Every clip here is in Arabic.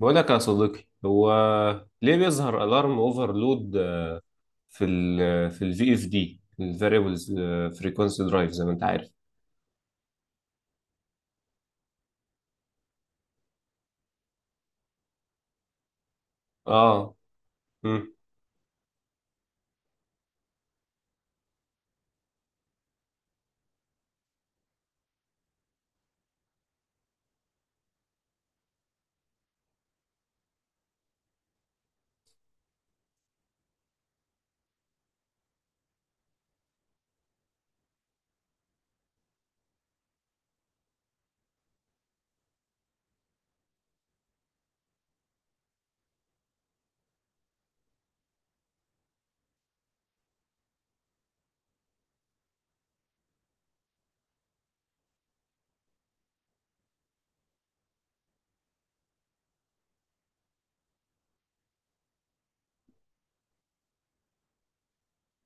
بقول لك يا صديقي، هو ليه بيظهر الارم اوفرلود في ال في الفي اف دي الفاريبلز فريكونسي درايف زي ما انت عارف؟ اه. امم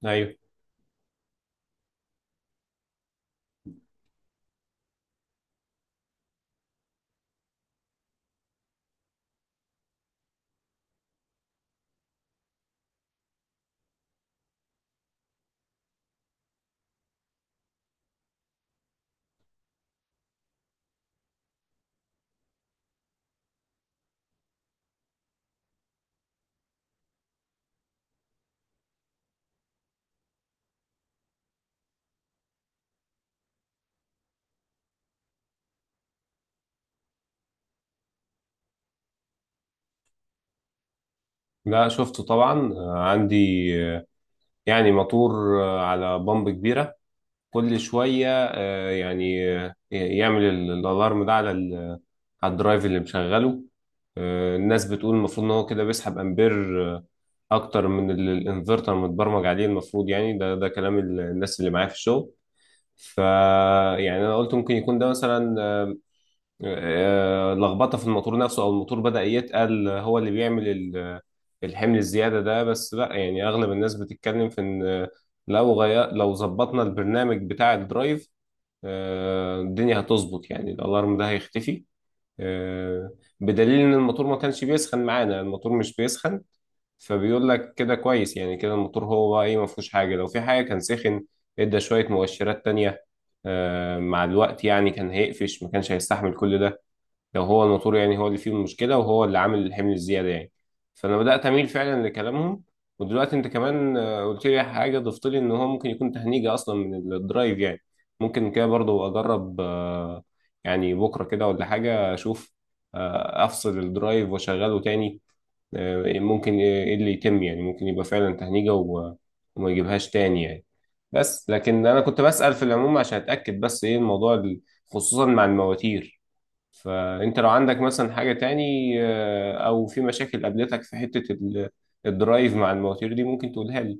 ايوه، لا شفته طبعا. عندي، آه، يعني موتور على بامب كبيره، كل شويه يعني يعمل الالارم ده على على الدرايف اللي مشغله. الناس بتقول المفروض ان هو كده بيسحب امبير آه، اكتر من اللي الانفرتر متبرمج عليه المفروض، يعني ده كلام الناس اللي معايا في الشغل. ف يعني انا قلت ممكن يكون ده مثلا لخبطه في الموتور نفسه، او الموتور بدأ يتقل، هو اللي بيعمل الحمل الزياده ده، بس لا يعني اغلب الناس بتتكلم في ان لو غير لو ظبطنا البرنامج بتاع الدرايف، الدنيا هتظبط يعني الالارم ده هيختفي، آه، بدليل ان الموتور ما كانش بيسخن معانا، الموتور مش بيسخن. فبيقول لك كده كويس، يعني كده الموتور هو ايه، ما فيهوش حاجه، لو في حاجه كان سخن، ادى شويه مؤشرات تانية مع الوقت، يعني كان هيقفش، ما كانش هيستحمل كل ده لو هو الموتور يعني هو اللي فيه المشكله وهو اللي عامل الحمل الزياده يعني. فانا بدات اميل فعلا لكلامهم. ودلوقتي انت كمان قلت لي حاجه، ضفت لي ان هو ممكن يكون تهنيجه اصلا من الدرايف يعني. ممكن كده برضو اجرب، يعني بكره كده ولا حاجه اشوف، افصل الدرايف واشغله تاني، ممكن ايه اللي يتم، يعني ممكن يبقى فعلا تهنيجة وما يجيبهاش تاني يعني. بس لكن انا كنت بسأل في العموم عشان اتأكد، بس ايه الموضوع خصوصا مع المواتير. فانت لو عندك مثلا حاجة تاني، او في مشاكل قابلتك في حتة الدرايف مع المواتير دي ممكن تقولها لي.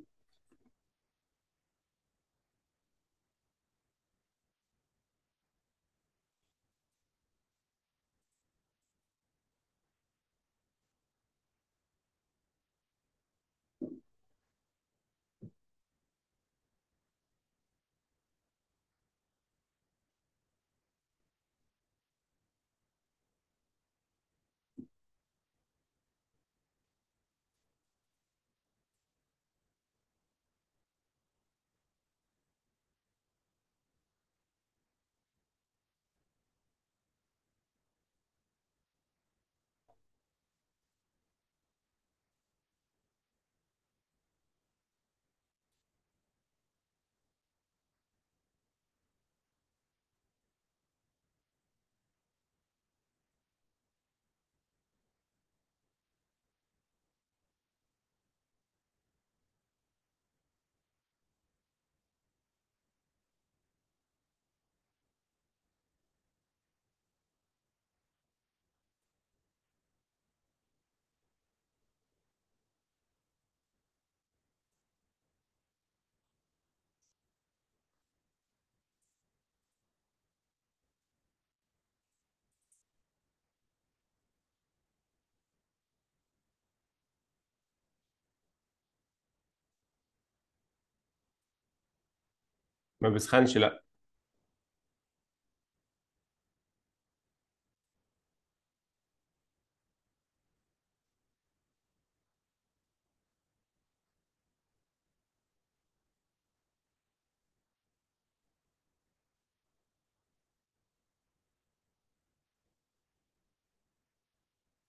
ما بسخنش، لا.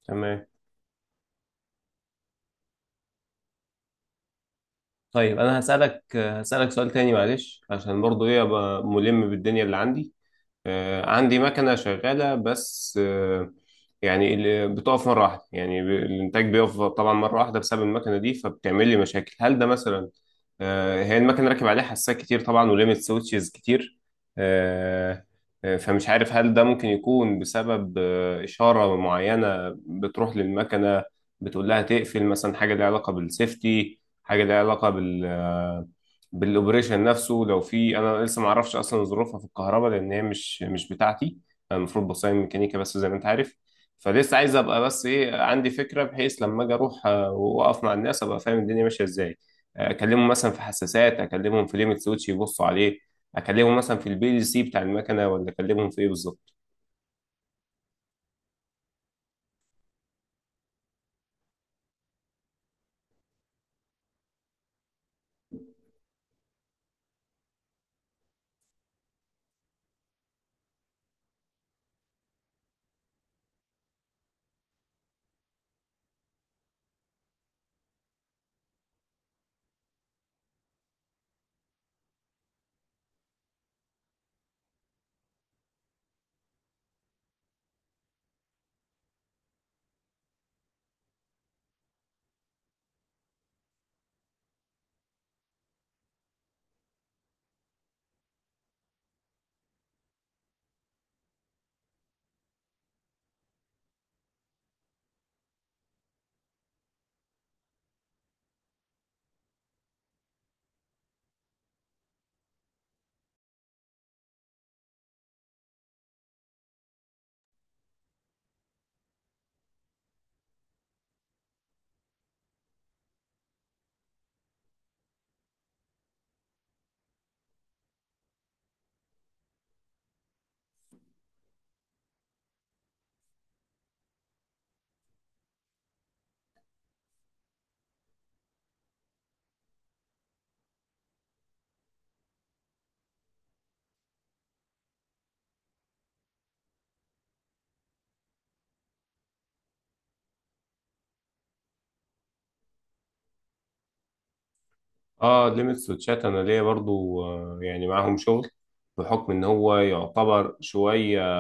تمام. طيب انا هسألك سؤال تاني، معلش، عشان برضو ايه ابقى ملم بالدنيا اللي عندي. عندي مكنة شغالة بس، يعني اللي بتقف مرة واحدة، يعني الإنتاج بيقف طبعا مرة واحدة بسبب المكنة دي، فبتعمل لي مشاكل. هل ده مثلا، هي المكنة راكب عليها حساسات كتير طبعا، وليميت سويتشز كتير، آه، فمش عارف هل ده ممكن يكون بسبب إشارة معينة بتروح للمكنة بتقول لها تقفل مثلا؟ حاجة ليها علاقة بالسيفتي، حاجة ليها علاقة بال بالاوبريشن نفسه لو في. انا لسه ما اعرفش اصلا ظروفها في الكهرباء لان هي مش بتاعتي، انا المفروض بصمم ميكانيكا بس زي ما انت عارف. فلسه عايز ابقى بس ايه عندي فكرة بحيث لما اجي اروح واقف مع الناس ابقى فاهم الدنيا ماشية ازاي. اكلمهم مثلا في حساسات، اكلمهم في ليميت سويتش يبصوا عليه، اكلمهم مثلا في البي ال سي بتاع المكنه، ولا اكلمهم في ايه بالظبط؟ اه، ليميت سويتشات انا ليا برضو يعني معاهم شغل بحكم ان هو يعتبر شويه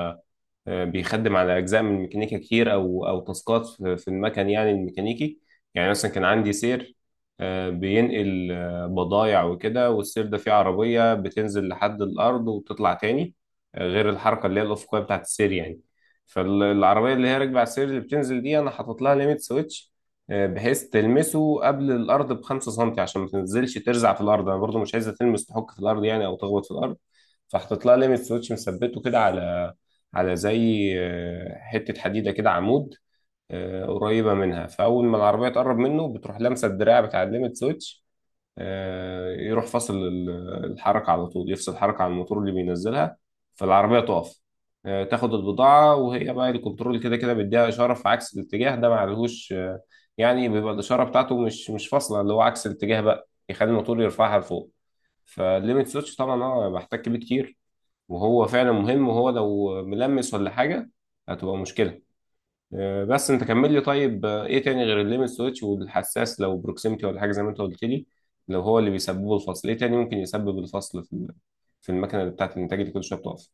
بيخدم على اجزاء من الميكانيكا كتير، او تاسكات في المكن يعني الميكانيكي. يعني مثلا كان عندي سير بينقل بضايع وكده، والسير ده فيه عربيه بتنزل لحد الارض وتطلع تاني غير الحركه اللي هي الافقيه بتاعت السير يعني. فالعربيه اللي هي راكبه على السير اللي بتنزل دي انا حاطط لها ليميت سويتش بحيث تلمسه قبل الارض بـ5 سنتي، عشان ما تنزلش ترزع في الارض، انا برضو مش عايزه تلمس تحك في الارض يعني او تخبط في الارض. فحطيت لها ليميت سويتش مثبته كده على، على زي حتة حديدة كده، عمود قريبة منها. فأول ما العربية تقرب منه بتروح لامسة الدراع بتاع الليمت سويتش، يروح فاصل الحركة على طول، يفصل الحركة على الموتور اللي بينزلها، فالعربية تقف تاخد البضاعة، وهي بقى الكنترول كده كده بيديها إشارة في عكس الاتجاه ده، معلهوش يعني بيبقى الإشارة بتاعته مش فاصلة اللي هو عكس الاتجاه بقى، يخلي الموتور يرفعها لفوق. فالليمت سويتش طبعا اه بحتك بيه كتير، وهو فعلا مهم، وهو لو ملمس ولا حاجة هتبقى مشكلة. بس انت كمل لي، طيب ايه تاني غير الليمت سويتش والحساس لو بروكسيمتي ولا حاجة زي ما انت قلت لي، لو هو اللي بيسببه الفصل؟ ايه تاني ممكن يسبب الفصل في في المكنة اللي بتاعت الانتاج اللي كل شوية بتقف؟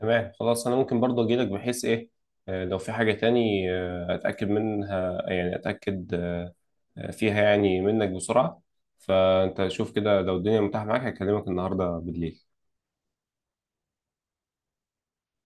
تمام، خلاص. انا ممكن برضه اجي لك بحيث ايه، لو في حاجة تاني اتأكد منها، يعني اتأكد فيها يعني منك بسرعة. فانت شوف كده لو الدنيا متاحة معاك، هكلمك النهاردة بالليل.